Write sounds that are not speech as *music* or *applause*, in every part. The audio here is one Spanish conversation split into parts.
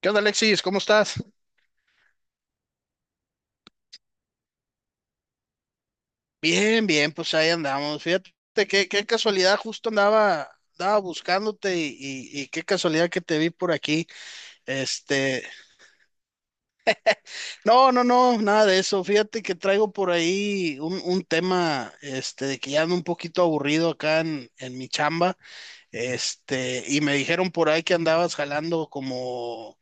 ¿Qué onda, Alexis? ¿Cómo estás? Bien, bien, pues ahí andamos. Fíjate, qué casualidad, justo andaba buscándote y qué casualidad que te vi por aquí. Este, no, no, no, nada de eso. Fíjate que traigo por ahí un tema, este, de que ya ando un poquito aburrido acá en mi chamba. Este, y me dijeron por ahí que andabas jalando como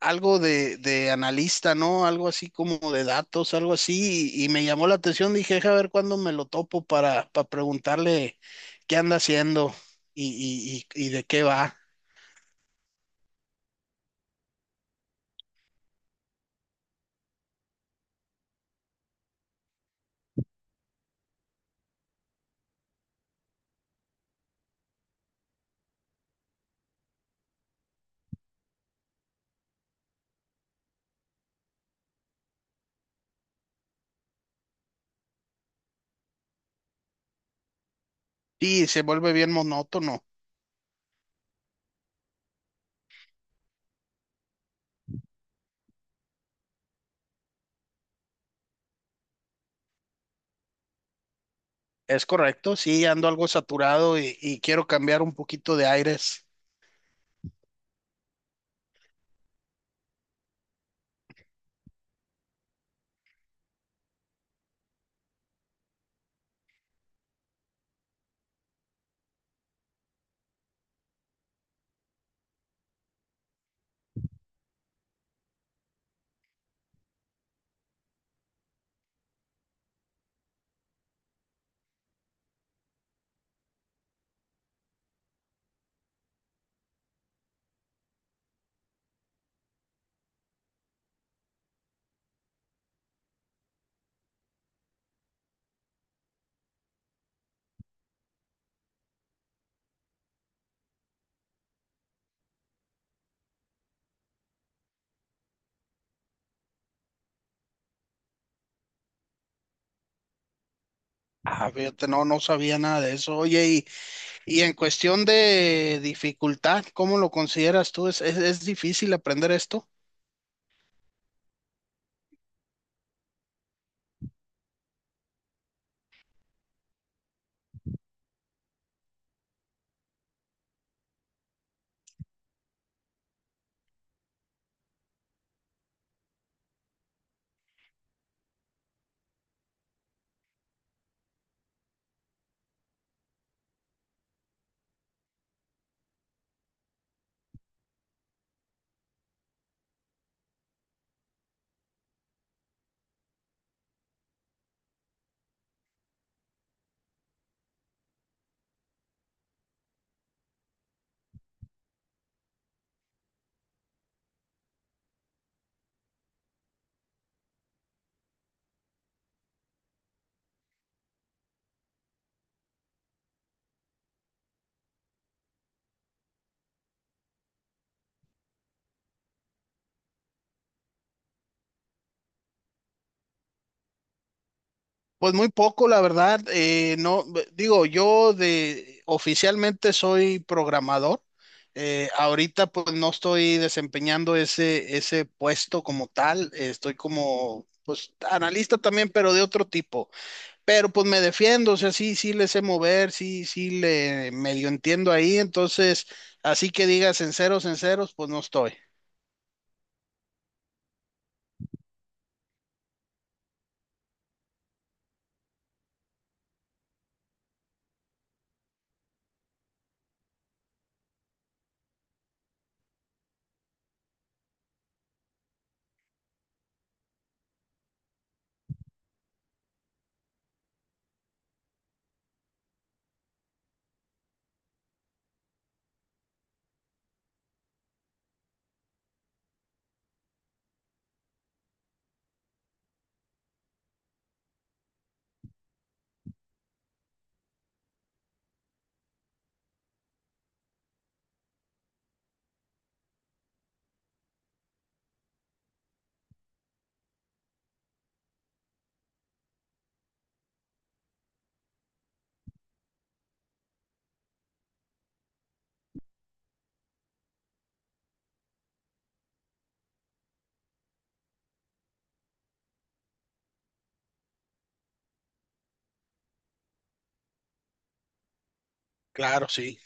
algo de analista, ¿no? Algo así como de datos, algo así, y me llamó la atención, dije, "Deja ver cuándo me lo topo para preguntarle qué anda haciendo y de qué va. Y se vuelve bien monótono. Es correcto, sí, ando algo saturado y quiero cambiar un poquito de aires. Ah, fíjate, no, no sabía nada de eso. Oye, y en cuestión de dificultad, ¿cómo lo consideras tú? ¿Es difícil aprender esto? Pues muy poco, la verdad. No, b- Digo, yo de oficialmente soy programador. Ahorita pues no estoy desempeñando ese puesto como tal. Estoy como pues analista también, pero de otro tipo. Pero pues me defiendo, o sea, sí, sí le sé mover, sí, sí le medio entiendo ahí, entonces, así que digas en ceros, pues no estoy. Claro, sí.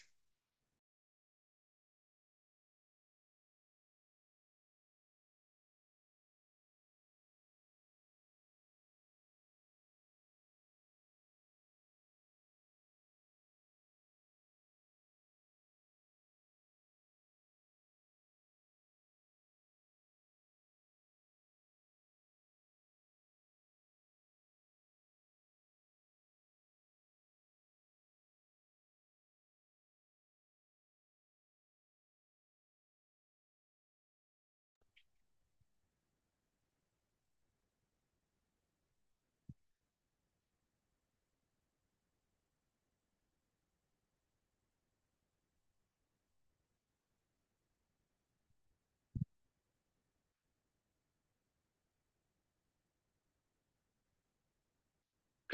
Ok.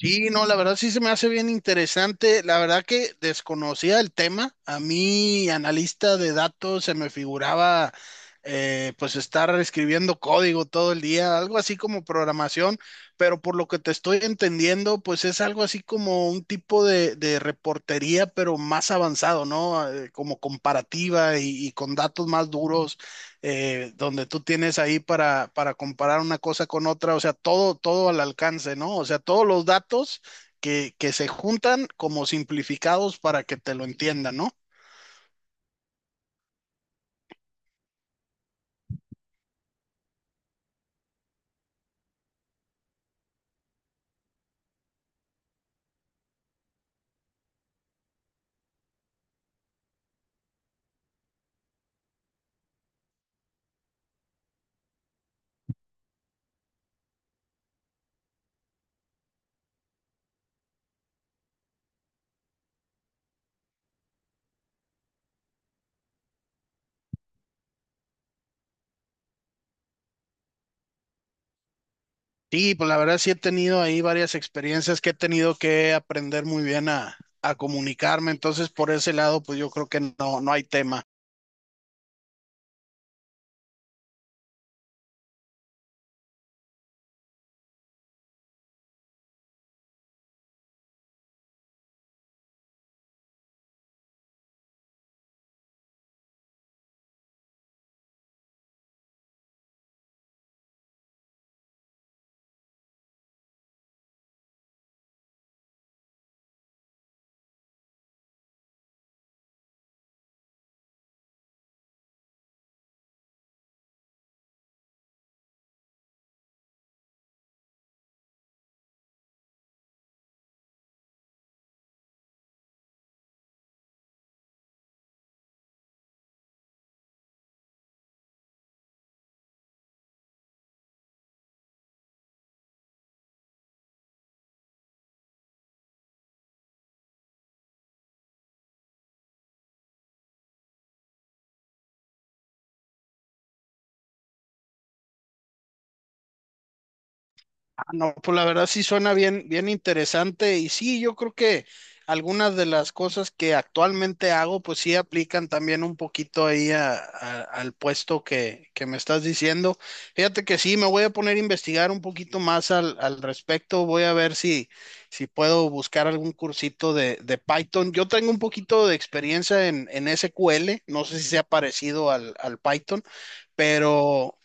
Sí, no, la verdad sí se me hace bien interesante. La verdad que desconocía el tema. A mí, analista de datos, se me figuraba pues estar escribiendo código todo el día, algo así como programación, pero por lo que te estoy entendiendo, pues es algo así como un tipo de reportería, pero más avanzado, ¿no? Como comparativa y con datos más duros donde tú tienes ahí para comparar una cosa con otra, o sea, todo, todo al alcance, ¿no? O sea, todos los datos que se juntan como simplificados para que te lo entiendan, ¿no? Sí, pues la verdad sí he tenido ahí varias experiencias que he tenido que aprender muy bien a comunicarme, entonces por ese lado, pues yo creo que no, no hay tema. No, pues la verdad sí suena bien, bien interesante y sí, yo creo que algunas de las cosas que actualmente hago, pues sí aplican también un poquito ahí al puesto que me estás diciendo. Fíjate que sí, me voy a poner a investigar un poquito más al respecto, voy a ver si puedo buscar algún cursito de Python. Yo tengo un poquito de experiencia en SQL, no sé si sea parecido al Python. Pero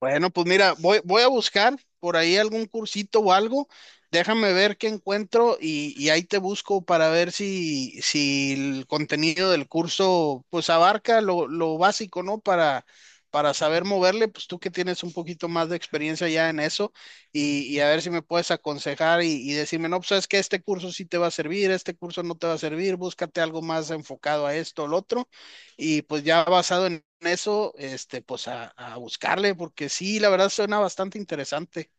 bueno, pues mira, voy a buscar por ahí algún cursito o algo. Déjame ver qué encuentro y ahí te busco para ver si el contenido del curso pues abarca lo básico, ¿no? Para saber moverle, pues tú que tienes un poquito más de experiencia ya en eso y a ver si me puedes aconsejar y decirme, no, pues sabes que este curso sí te va a servir, este curso no te va a servir, búscate algo más enfocado a esto o lo otro y pues ya basado en eso, este, pues a buscarle, porque sí, la verdad suena bastante interesante.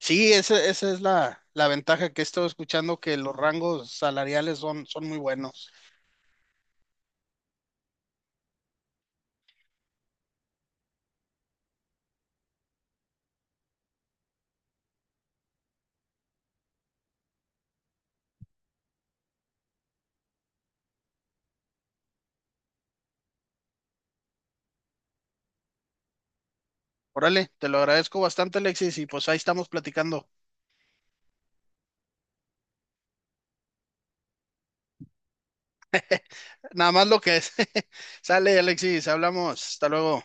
Sí, esa es la, la ventaja que he estado escuchando, que los rangos salariales son, son muy buenos. Órale, te lo agradezco bastante, Alexis, y pues ahí estamos platicando. Nada más lo que es. *laughs* Sale, Alexis, hablamos. Hasta luego.